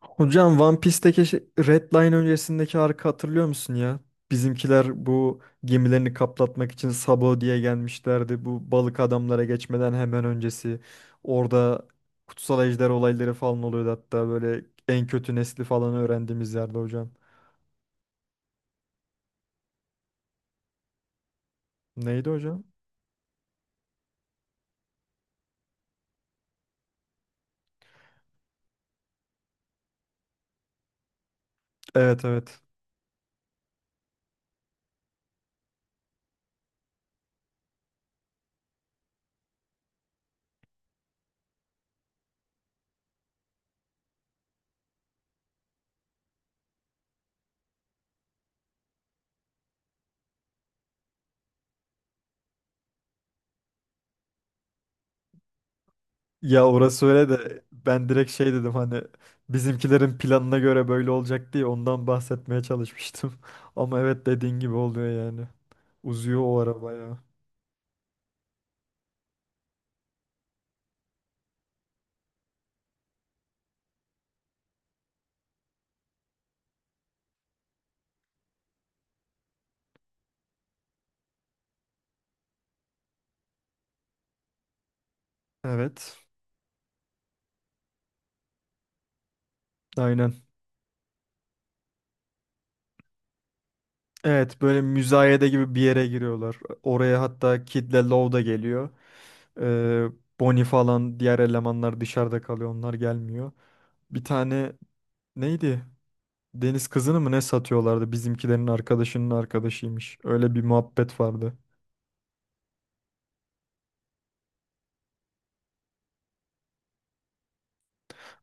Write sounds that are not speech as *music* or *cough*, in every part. Hocam One Piece'teki Red Line öncesindeki arka hatırlıyor musun ya? Bizimkiler bu gemilerini kaplatmak için Sabo diye gelmişlerdi. Bu balık adamlara geçmeden hemen öncesi. Orada kutsal ejder olayları falan oluyordu, hatta böyle en kötü nesli falan öğrendiğimiz yerde hocam. Neydi hocam? Evet, evet. Ya orası öyle de ben direkt şey dedim, hani bizimkilerin planına göre böyle olacak diye ondan bahsetmeye çalışmıştım. *laughs* Ama evet, dediğin gibi oluyor yani. Uzuyor o araba ya. Evet, aynen. Evet, böyle müzayede gibi bir yere giriyorlar. Oraya hatta Kid ile Lou da geliyor. Ee, Bonnie falan diğer elemanlar dışarıda kalıyor, onlar gelmiyor. Bir tane neydi? Deniz kızını mı ne satıyorlardı? Bizimkilerin arkadaşının arkadaşıymış. Öyle bir muhabbet vardı.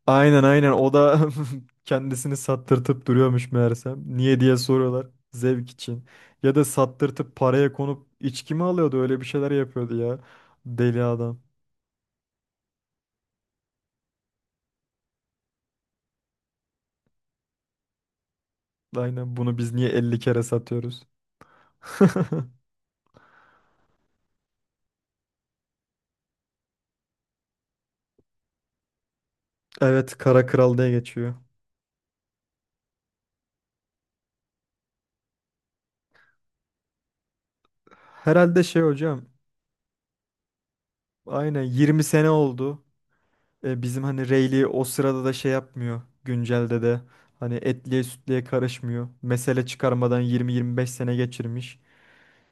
Aynen, aynen o da *laughs* kendisini sattırtıp duruyormuş meğersem. Niye diye soruyorlar. Zevk için. Ya da sattırtıp paraya konup içki mi alıyordu? Öyle bir şeyler yapıyordu ya. Deli adam. Aynen, bunu biz niye 50 kere satıyoruz? *laughs* Evet, Kara Kral diye geçiyor. Herhalde şey hocam, aynen 20 sene oldu. E, bizim hani Rayleigh o sırada da şey yapmıyor, güncelde de. Hani etliye sütlüye karışmıyor. Mesele çıkarmadan 20-25 sene geçirmiş.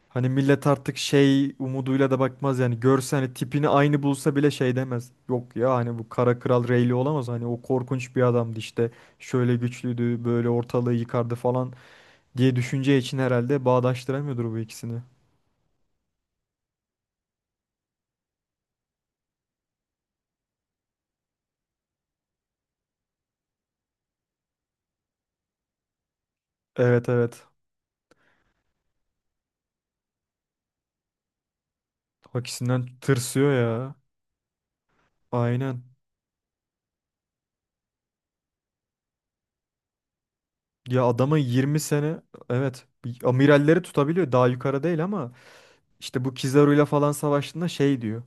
Hani millet artık şey umuduyla da bakmaz yani. Görse hani tipini aynı bulsa bile şey demez. Yok ya, hani bu Kara Kral Rayleigh olamaz. Hani o korkunç bir adamdı işte. Şöyle güçlüydü, böyle ortalığı yıkardı falan. Diye düşünce için herhalde bağdaştıramıyordur bu ikisini. Evet, evet. Hakisinden tırsıyor ya. Aynen. Ya adama 20 sene evet amiralleri tutabiliyor. Daha yukarı değil ama işte bu Kizaru'yla falan savaştığında şey diyor.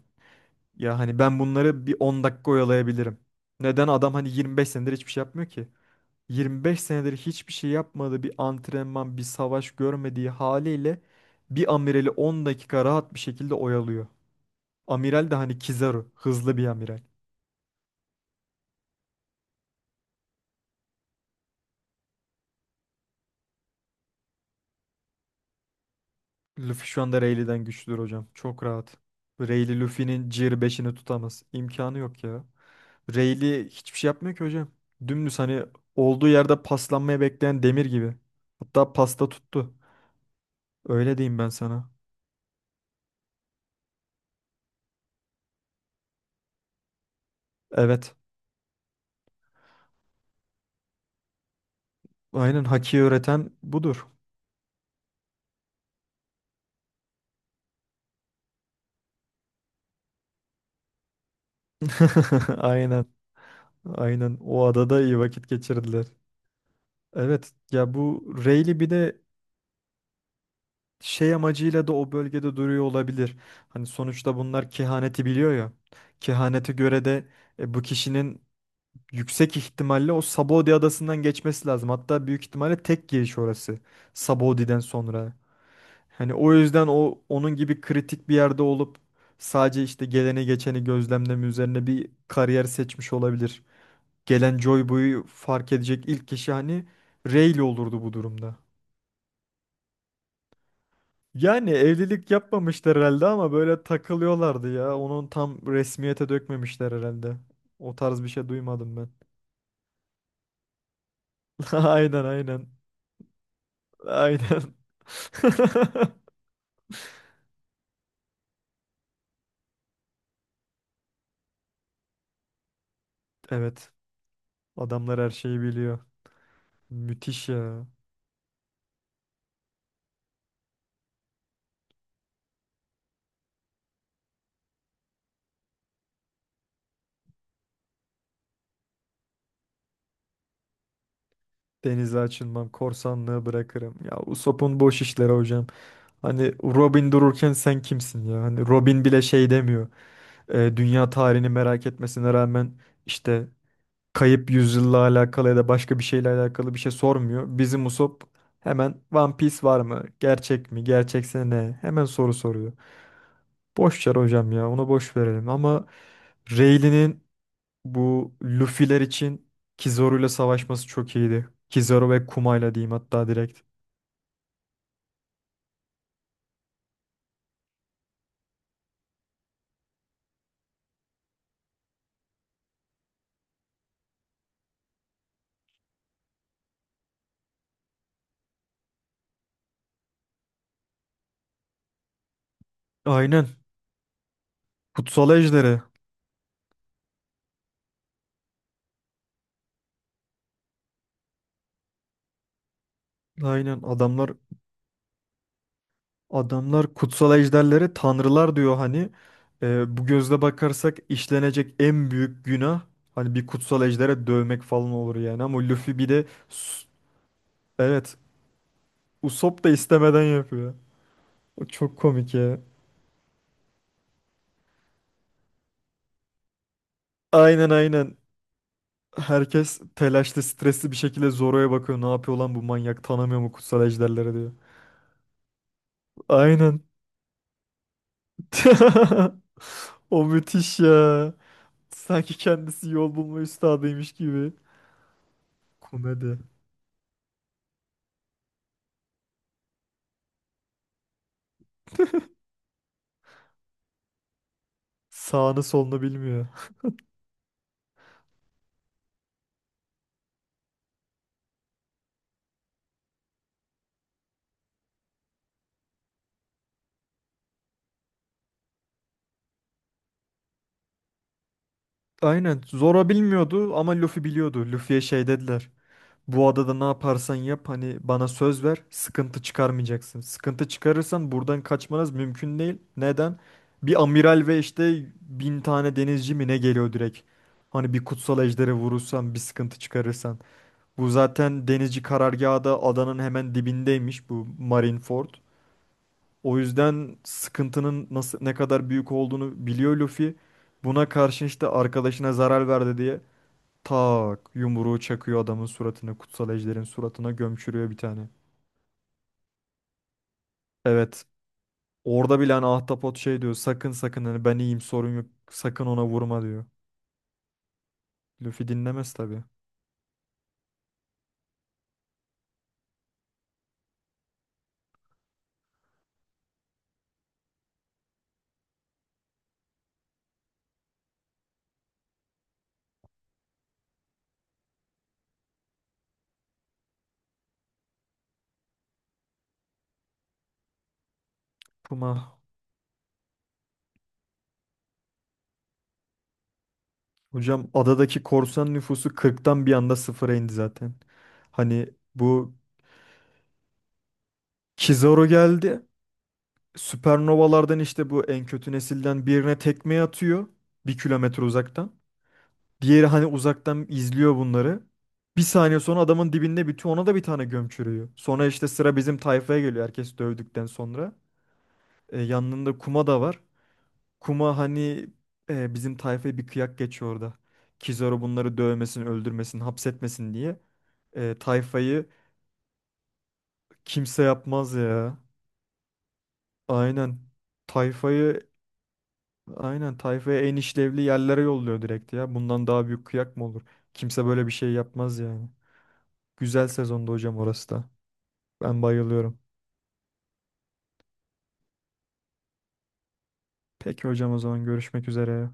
Ya hani ben bunları bir 10 dakika oyalayabilirim. Neden adam hani 25 senedir hiçbir şey yapmıyor ki? 25 senedir hiçbir şey yapmadığı, bir antrenman, bir savaş görmediği haliyle bir amirali 10 dakika rahat bir şekilde oyalıyor. Amiral de hani Kizaru, hızlı bir amiral. Luffy şu anda Rayleigh'den güçlüdür hocam. Çok rahat. Rayleigh Luffy'nin Gear beşini tutamaz. İmkanı yok ya. Rayleigh hiçbir şey yapmıyor ki hocam. Dümdüz hani olduğu yerde paslanmaya bekleyen demir gibi. Hatta pasta tuttu. Öyle diyeyim ben sana. Evet. Aynen, Haki öğreten budur. *laughs* Aynen. Aynen. O adada iyi vakit geçirdiler. Evet. Ya bu Rayleigh bir de şey amacıyla da o bölgede duruyor olabilir. Hani sonuçta bunlar kehaneti biliyor ya. Kehanete göre de, bu kişinin yüksek ihtimalle o Sabaody adasından geçmesi lazım. Hatta büyük ihtimalle tek giriş orası. Sabaody'den sonra. Hani o yüzden o onun gibi kritik bir yerde olup sadece işte geleni geçeni gözlemleme üzerine bir kariyer seçmiş olabilir. Gelen Joy Boy'u fark edecek ilk kişi hani Rayleigh olurdu bu durumda. Yani evlilik yapmamışlar herhalde ama böyle takılıyorlardı ya. Onun tam resmiyete dökmemişler herhalde. O tarz bir şey duymadım ben. *laughs* Aynen, aynen. Aynen. *laughs* Evet. Adamlar her şeyi biliyor. Müthiş ya. Denize açılmam, korsanlığı bırakırım. Ya Usopp'un boş işleri hocam. Hani Robin dururken sen kimsin ya? Hani Robin bile şey demiyor. Dünya tarihini merak etmesine rağmen işte kayıp yüzyılla alakalı ya da başka bir şeyle alakalı bir şey sormuyor. Bizim Usopp hemen One Piece var mı? Gerçek mi? Gerçekse ne? Hemen soru soruyor. Boş ver hocam ya, onu boş verelim ama Rayleigh'nin bu Luffy'ler için Kizaru'yla savaşması çok iyiydi. Kizaru ve Kuma'yla diyeyim hatta direkt. Aynen. Kutsal Ejderi. Aynen adamlar adamlar kutsal ejderlere tanrılar diyor hani. Bu gözle bakarsak işlenecek en büyük günah, hani bir kutsal ejdere dövmek falan olur yani. Ama Luffy bir de evet Usopp da istemeden yapıyor. O çok komik ya. Aynen, aynen. Herkes telaşlı, stresli bir şekilde Zoro'ya bakıyor. Ne yapıyor lan bu manyak? Tanımıyor mu kutsal ejderleri diyor. Aynen. *laughs* O müthiş ya. Sanki kendisi yol bulma üstadıymış gibi. Komedi. Sağını solunu bilmiyor. Aynen, Zora bilmiyordu ama Luffy biliyordu. Luffy'ye şey dediler. Bu adada ne yaparsan yap hani bana söz ver, sıkıntı çıkarmayacaksın. Sıkıntı çıkarırsan buradan kaçmanız mümkün değil. Neden? Bir amiral ve işte bin tane denizci mi ne geliyor direkt. Hani bir kutsal ejderi vurursan, bir sıkıntı çıkarırsan. Bu zaten denizci karargahı da adanın hemen dibindeymiş, bu Marineford. O yüzden sıkıntının nasıl, ne kadar büyük olduğunu biliyor Luffy. Buna karşın işte arkadaşına zarar verdi diye tak yumruğu çakıyor adamın suratına, kutsal ejderin suratına gömçürüyor bir tane. Evet. Orada bile hani Ahtapot şey diyor, sakın sakın hani ben iyiyim sorun yok sakın ona vurma diyor. Luffy dinlemez tabii. Puma. Hocam adadaki korsan nüfusu kırktan bir anda sıfıra indi zaten. Hani bu Kizaru geldi. Süpernovalardan işte bu en kötü nesilden birine tekme atıyor. Bir kilometre uzaktan. Diğeri hani uzaktan izliyor bunları. Bir saniye sonra adamın dibinde bitiyor. Ona da bir tane göm çürüyor. Sonra işte sıra bizim tayfaya geliyor, herkes dövdükten sonra. Yanında Kuma da var. Kuma hani, bizim tayfaya bir kıyak geçiyor orada. Kizaru bunları dövmesin, öldürmesin, hapsetmesin diye. Tayfayı kimse yapmaz ya. Aynen. Tayfayı Aynen tayfaya en işlevli yerlere yolluyor direkt ya. Bundan daha büyük kıyak mı olur? Kimse böyle bir şey yapmaz yani. Güzel sezonda hocam orası da. Ben bayılıyorum. Peki hocam, o zaman görüşmek üzere.